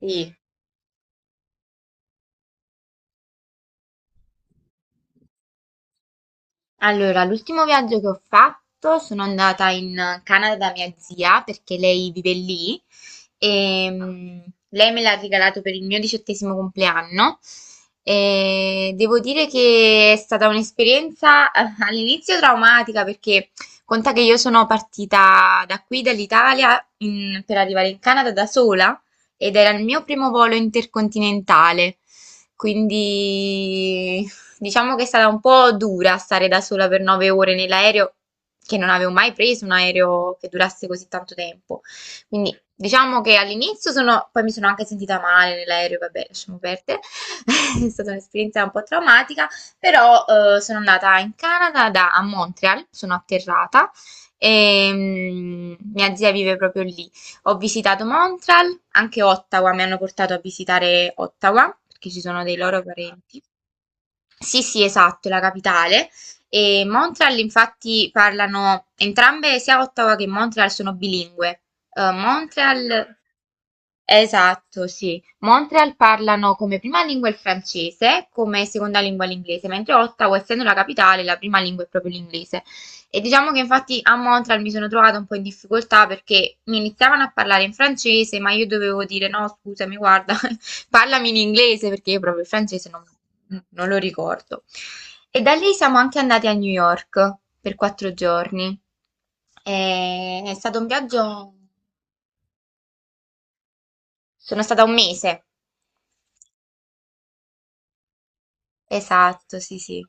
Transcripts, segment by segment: Sì, allora l'ultimo viaggio che ho fatto sono andata in Canada da mia zia perché lei vive lì e lei me l'ha regalato per il mio 18° compleanno e devo dire che è stata un'esperienza all'inizio traumatica perché conta che io sono partita da qui dall'Italia per arrivare in Canada da sola ed era il mio primo volo intercontinentale. Quindi diciamo che è stata un po' dura stare da sola per 9 ore nell'aereo, che non avevo mai preso un aereo che durasse così tanto tempo. Quindi diciamo che all'inizio poi mi sono anche sentita male nell'aereo, vabbè, lasciamo perdere. È stata un'esperienza un po' traumatica, però sono andata in Canada a Montreal, sono atterrata e mia zia vive proprio lì. Ho visitato Montreal, anche Ottawa, mi hanno portato a visitare Ottawa perché ci sono dei loro parenti. Sì, sì, esatto, è la capitale. E Montreal, infatti, parlano entrambe, sia Ottawa che Montreal sono bilingue. Montreal, esatto, sì. Montreal parlano come prima lingua il francese, come seconda lingua l'inglese, mentre Ottawa, essendo la capitale, la prima lingua è proprio l'inglese. E diciamo che infatti a Montreal mi sono trovata un po' in difficoltà perché mi iniziavano a parlare in francese, ma io dovevo dire no, scusami, guarda, parlami in inglese perché io proprio il francese non lo ricordo. E da lì siamo anche andati a New York per 4 giorni. È stato un viaggio, sono stata un mese. Esatto, sì, sì.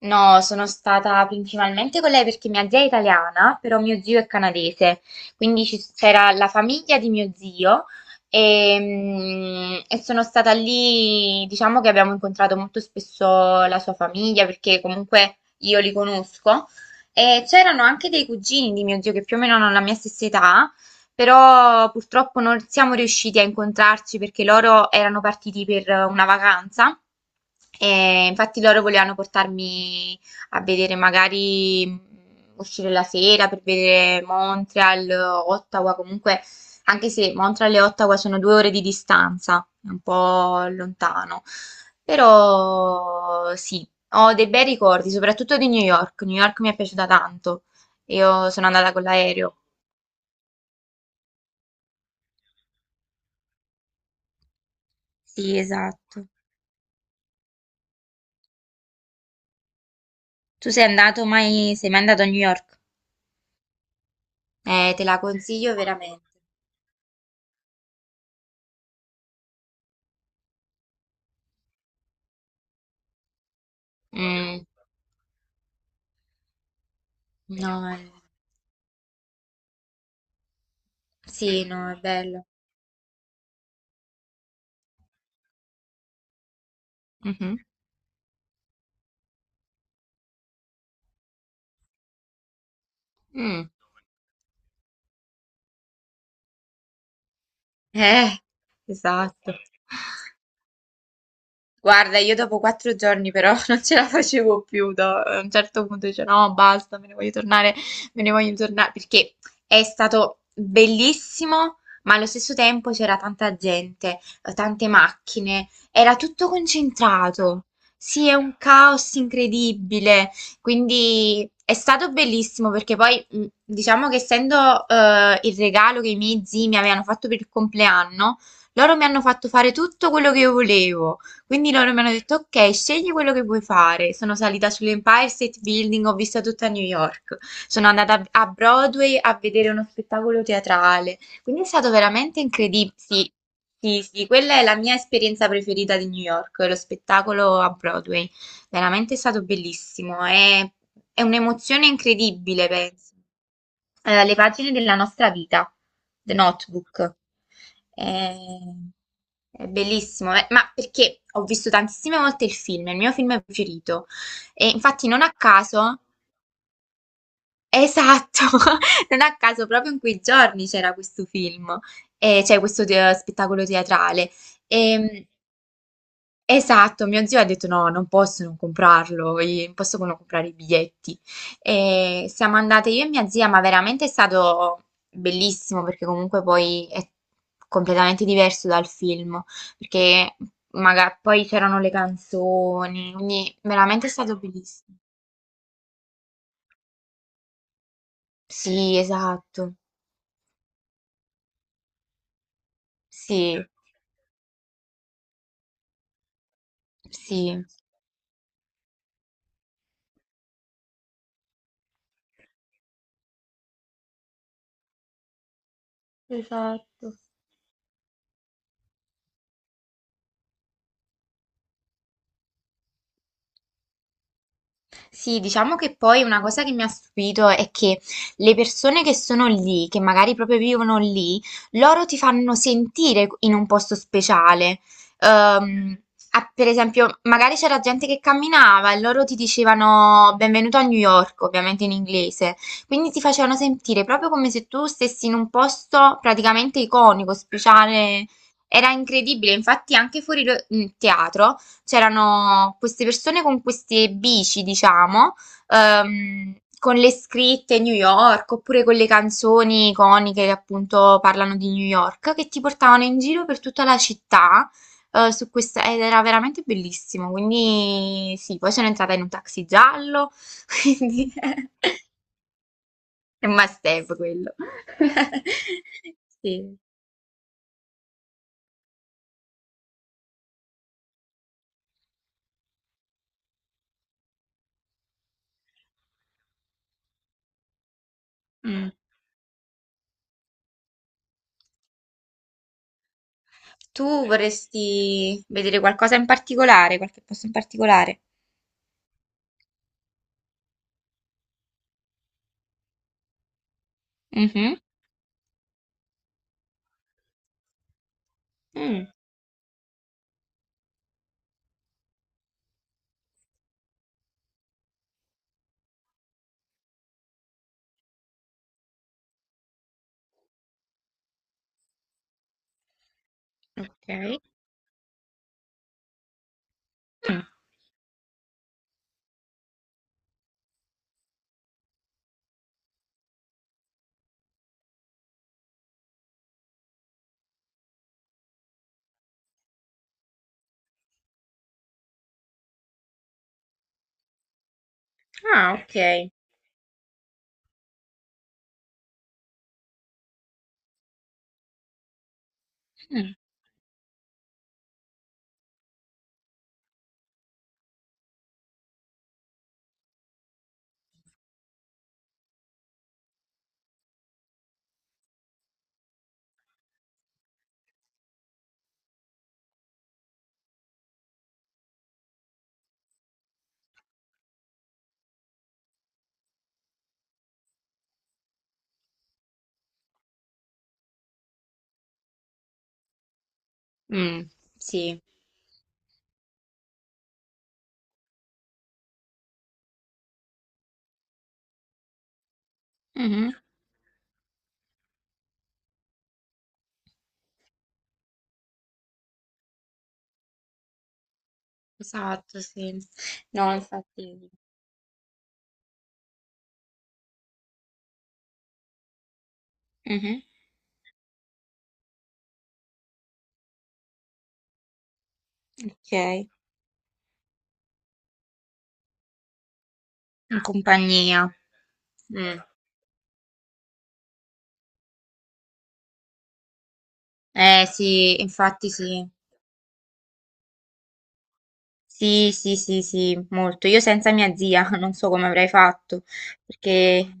No, sono stata principalmente con lei perché mia zia è italiana, però mio zio è canadese, quindi c'era la famiglia di mio zio e sono stata lì, diciamo che abbiamo incontrato molto spesso la sua famiglia perché comunque io li conosco e c'erano anche dei cugini di mio zio che più o meno hanno la mia stessa età però purtroppo non siamo riusciti a incontrarci perché loro erano partiti per una vacanza e infatti loro volevano portarmi a vedere magari uscire la sera per vedere Montreal, Ottawa, comunque anche se Montreal e Ottawa sono 2 ore di distanza, è un po' lontano. Però sì, ho dei bei ricordi, soprattutto di New York. New York mi è piaciuta tanto. Io sono andata con l'aereo. Sì, esatto. Tu sei andato mai, sei mai andato a New York? Te la consiglio veramente. Mm, no, sì, no, è bello. Mhm, mm. Eh, esatto. Guarda, io dopo 4 giorni però non ce la facevo più, a un certo punto dice no, basta, me ne voglio tornare, me ne voglio tornare, perché è stato bellissimo, ma allo stesso tempo c'era tanta gente, tante macchine, era tutto concentrato. Sì, è un caos incredibile, quindi è stato bellissimo perché poi diciamo che essendo il regalo che i miei zii mi avevano fatto per il compleanno, loro mi hanno fatto fare tutto quello che io volevo. Quindi loro mi hanno detto: Ok, scegli quello che vuoi fare. Sono salita sull'Empire State Building, ho visto tutta New York. Sono andata a Broadway a vedere uno spettacolo teatrale. Quindi è stato veramente incredibile. Sì, sì, sì, quella è la mia esperienza preferita di New York, lo spettacolo a Broadway. Veramente è stato bellissimo, è un'emozione incredibile, penso. Le pagine della nostra vita, The Notebook. È, è bellissimo, ma perché ho visto tantissime volte il film, è il mio film preferito. E infatti non a caso, esatto, non a caso proprio in quei giorni c'era questo film, cioè questo spettacolo teatrale. E, Esatto, mio zio ha detto no, non posso non comprarlo, non posso non comprare i biglietti. E siamo andate io e mia zia, ma veramente è stato bellissimo perché comunque poi è completamente diverso dal film, perché magari poi c'erano le canzoni, quindi veramente è stato bellissimo. Sì, esatto, sì, sì. Esatto. Sì, diciamo che poi una cosa che mi ha stupito è che le persone che sono lì, che magari proprio vivono lì, loro ti fanno sentire in un posto speciale. Ehm, ah, per esempio, magari c'era gente che camminava e loro ti dicevano benvenuto a New York, ovviamente in inglese. Quindi ti facevano sentire proprio come se tu stessi in un posto praticamente iconico, speciale. Era incredibile, infatti anche fuori in teatro c'erano queste persone con queste bici, diciamo, con le scritte New York oppure con le canzoni iconiche che appunto parlano di New York, che ti portavano in giro per tutta la città. Su questa, ed era veramente bellissimo, quindi sì, poi sono entrata in un taxi giallo, quindi è un must have quello. Sì. Mm. Tu vorresti vedere qualcosa in particolare, qualche posto in particolare? Mm-hmm. Mm, ok. Mm. Ah, ok. Mm, mm, sì. Mhm, esatto, sì. No, infatti. Mhm, ok. In compagnia. Mm. Eh sì, infatti sì. Sì, sì, sì, sì, molto. Io senza mia zia non so come avrei fatto, perché.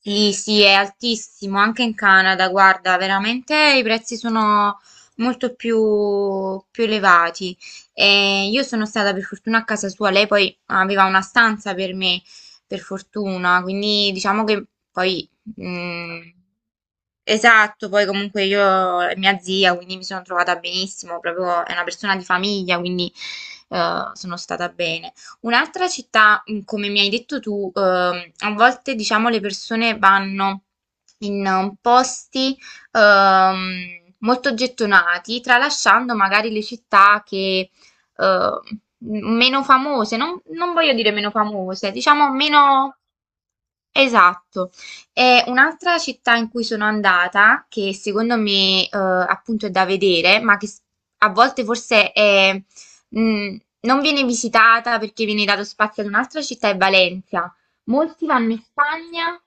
Sì, sì, è altissimo anche in Canada, guarda, veramente i prezzi sono molto più elevati. E io sono stata per fortuna a casa sua, lei poi aveva una stanza per me, per fortuna, quindi diciamo che poi. mm, esatto, poi comunque io è mia zia, quindi mi sono trovata benissimo, proprio è una persona di famiglia, quindi sono stata bene. Un'altra città, come mi hai detto tu, a volte diciamo le persone vanno in posti ehm, molto gettonati, tralasciando magari le città che meno famose, non voglio dire meno famose, diciamo meno. Esatto. E un'altra città in cui sono andata, che secondo me appunto è da vedere, ma che a volte forse è non viene visitata perché viene dato spazio ad un'altra città, è Valencia. Molti vanno in Spagna,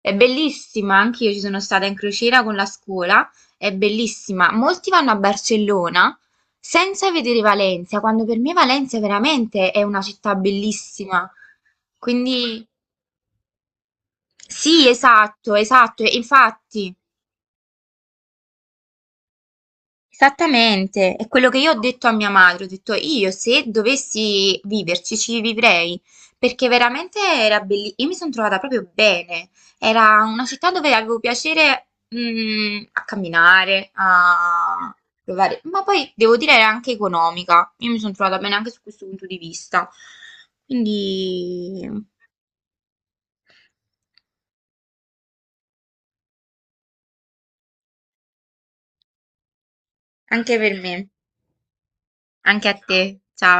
è bellissima, anche io ci sono stata in crociera con la scuola, è bellissima. Molti vanno a Barcellona senza vedere Valencia, quando per me Valencia veramente è una città bellissima. Quindi sì, esatto, esatto, e infatti. Esattamente, è quello che io ho detto a mia madre, ho detto io se dovessi viverci ci vivrei, perché veramente era bellissimo, io mi sono trovata proprio bene, era una città dove avevo piacere a camminare, a provare, ma poi devo dire era anche economica, io mi sono trovata bene anche su questo punto di vista, quindi anche per me, anche a te, ciao.